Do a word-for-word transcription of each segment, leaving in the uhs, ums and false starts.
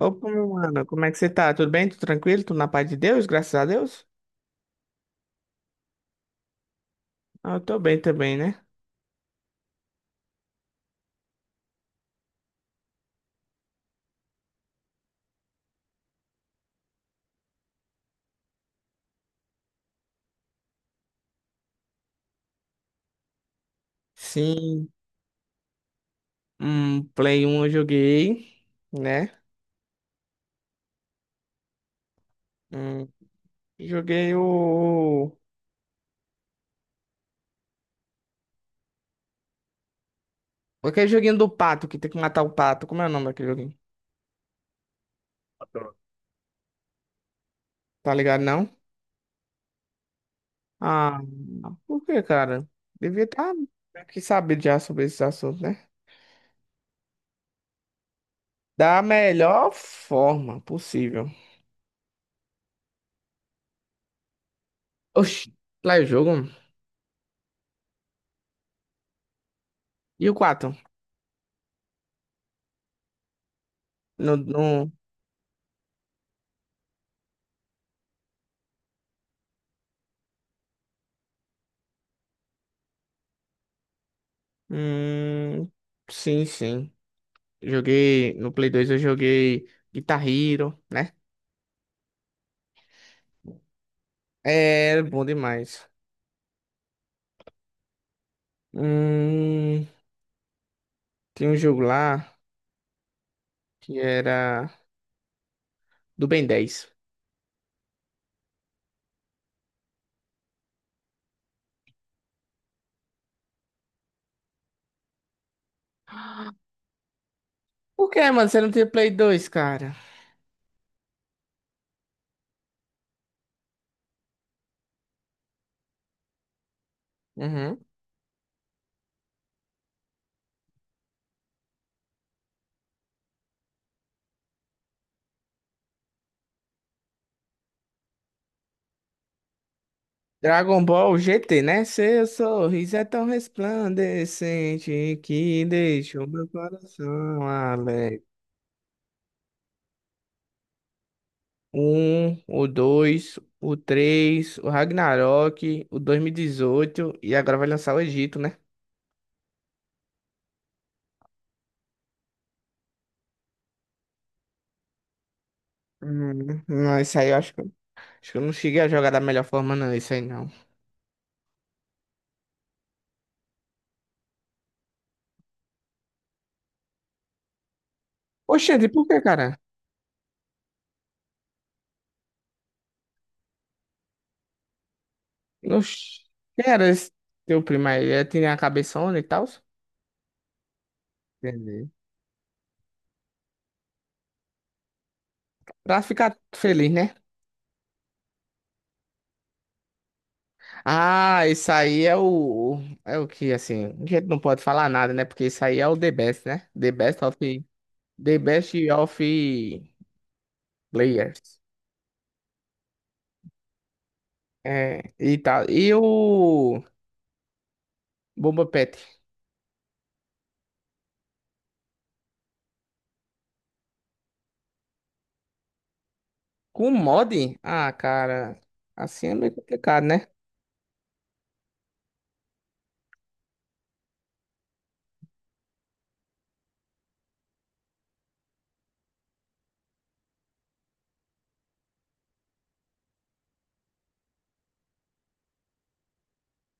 Opa, meu mano, como é que você tá? Tudo bem? Tudo tranquilo? Tudo na paz de Deus, graças a Deus? Ah, eu tô bem também, né? Sim, um Play um eu joguei, né? Hum, joguei o... Aquele joguinho do pato, que tem que matar o pato. Como é o nome daquele joguinho? Tá ligado, não? Ah, por que, cara? Devia estar que saber já sobre esse assunto, né? Da melhor forma possível. Oxi, lá é o jogo? E o quatro. No, no... Hum, sim, sim. Joguei no Play 2, eu joguei Guitar Hero, né? É, bom demais. Hum, tinha um jogo lá que era do Ben dez. Por que, mano? Você não tinha Play 2, cara? Uhum. Dragon Ball G T, né? Seu sorriso é tão resplandecente que deixou meu coração alegre. Um, o dois, o três, o Ragnarok, o dois mil e dezoito e dezoito e agora vai lançar o Egito, né? Hum, não, isso aí eu acho. Acho que eu não cheguei a jogar da melhor forma, não, isso aí não. Oxente, por que, cara? Oxi, quem era esse teu primo aí? Ele tinha a cabeçona e tal? Entendi. Pra ficar feliz, né? Ah, isso aí é o. É o que, assim. A gente não pode falar nada, né? Porque isso aí é o The Best, né? The Best of. The Best of Players. É, e tal. E o. Bomba Pet. Com mod? Ah, cara. Assim é meio complicado, né?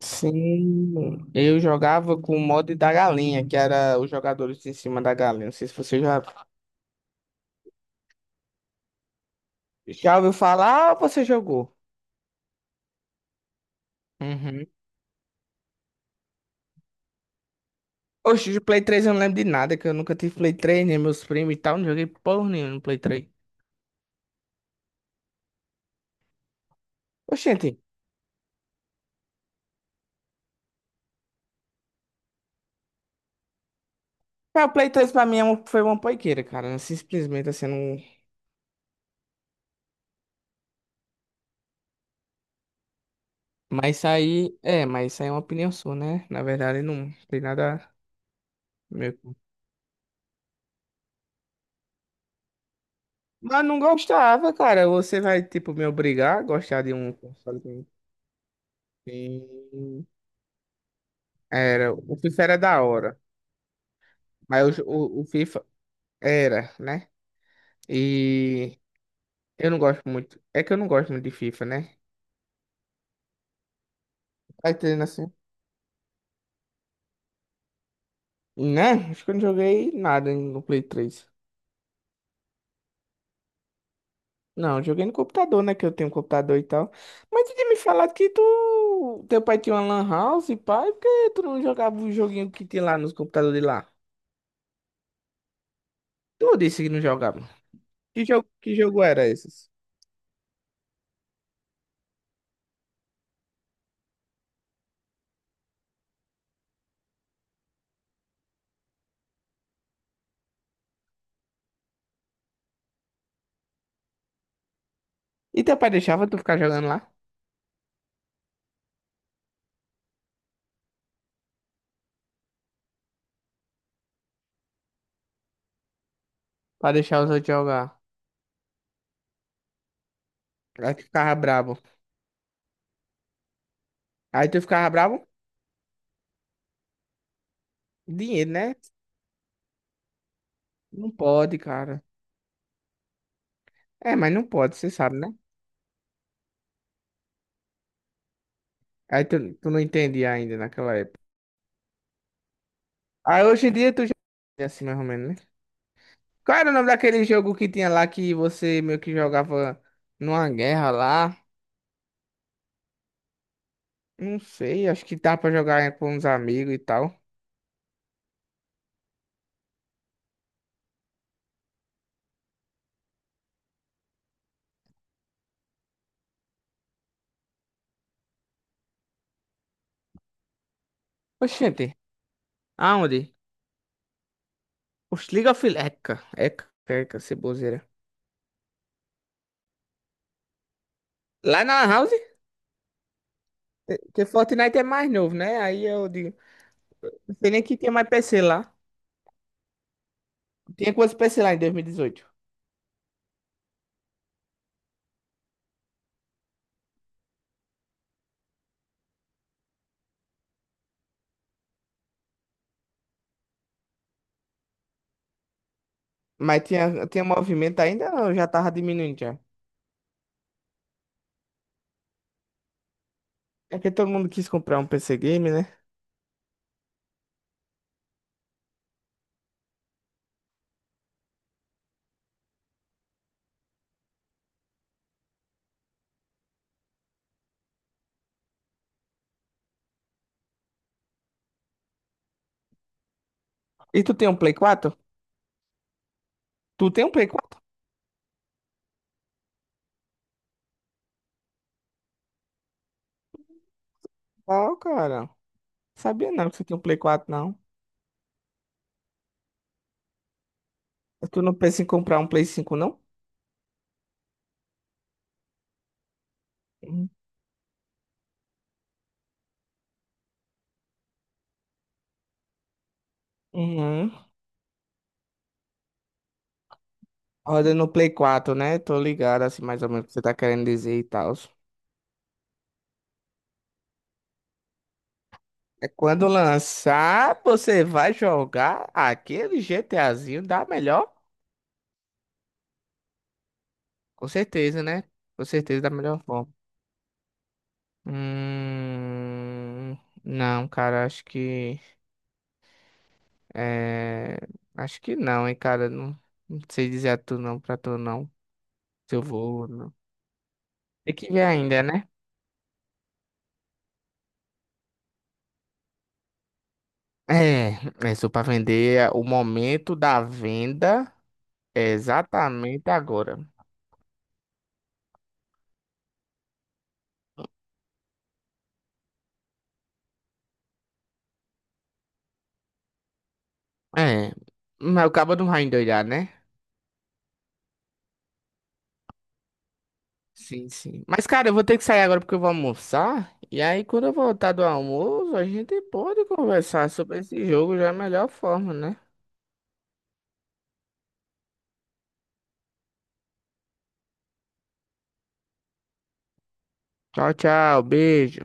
Sim, eu jogava com o mod da galinha, que era os jogadores em cima da galinha. Não sei se você já, já ouviu falar ou você jogou. Uhum. Oxe, de Play 3 eu não lembro de nada, que eu nunca tive Play 3, nem meus primos e tal, não joguei porra nenhuma no Play 3. Oxente, é, o Play 3 pra mim é um- foi uma poiqueira, cara. Simplesmente assim, não. Mas isso aí, é, mas isso aí é uma opinião sua, né? Na verdade, não tem nada meu. Mas não gostava, cara. Você vai, tipo, me obrigar a gostar de um console que eu não tenho. Era, o FIFA era da hora, mas o, o, o FIFA era, né? E eu não gosto muito. É que eu não gosto muito de FIFA, né? Tá entendendo assim? Né? Acho que eu não joguei nada no Play 3. Não, eu joguei no computador, né? Que eu tenho um computador e tal. Mas tu tinha me falado que tu. Teu pai tinha uma Lan House, pai, por que tu não jogava o joguinho que tinha lá nos computadores de lá? Tu disse que não jogava. Que jogo, que jogo era esses? E teu pai deixava tu ficar jogando lá? Pra deixar os outros jogar. Aí tu ficava brabo. Aí tu ficava bravo? Dinheiro, né? Não pode, cara. É, mas não pode, você sabe, né? Aí tu, tu não entendia ainda naquela época. Aí hoje em dia tu já é assim, mais ou menos, né? Qual era o nome daquele jogo que tinha lá que você meio que jogava numa guerra lá? Não sei, acho que dá pra jogar com uns amigos e tal. Oxente, aonde? Oxe, League of Le- Eca, Eca, Eca, ceboseira. Lá na Lan House? Porque Fortnite é mais novo, né? Aí eu digo, não sei nem que tinha mais P C lá. Tinha quantos P C lá em dois mil e dezoito? Mas tinha, tinha movimento ainda ou já tava diminuindo já? É que todo mundo quis comprar um P C Game, né? E tu tem um Play 4? Tu tem um Play 4? Ó, cara. Sabia não que você tem um Play 4, não. É, tu não pensa em comprar um Play 5, não? Uhum. Uhum. Roda no Play 4, né? Tô ligado, assim, mais ou menos o que você tá querendo dizer e tal. É quando lançar, você vai jogar aquele GTAzinho da melhor? Com certeza, né? Com certeza da melhor forma. Hum, não, cara, acho que é, acho que não, hein, cara, não, não sei dizer a tu não, pra tu não, se eu vou ou não. Tem que ver ainda, né? É, é só pra vender é, o momento da venda é exatamente agora. É, mas o cabo não vai endoidar, né? Sim, sim. Mas, cara, eu vou ter que sair agora porque eu vou almoçar. E aí, quando eu voltar do almoço, a gente pode conversar sobre esse jogo já é a melhor forma, né? Tchau, tchau. Beijo.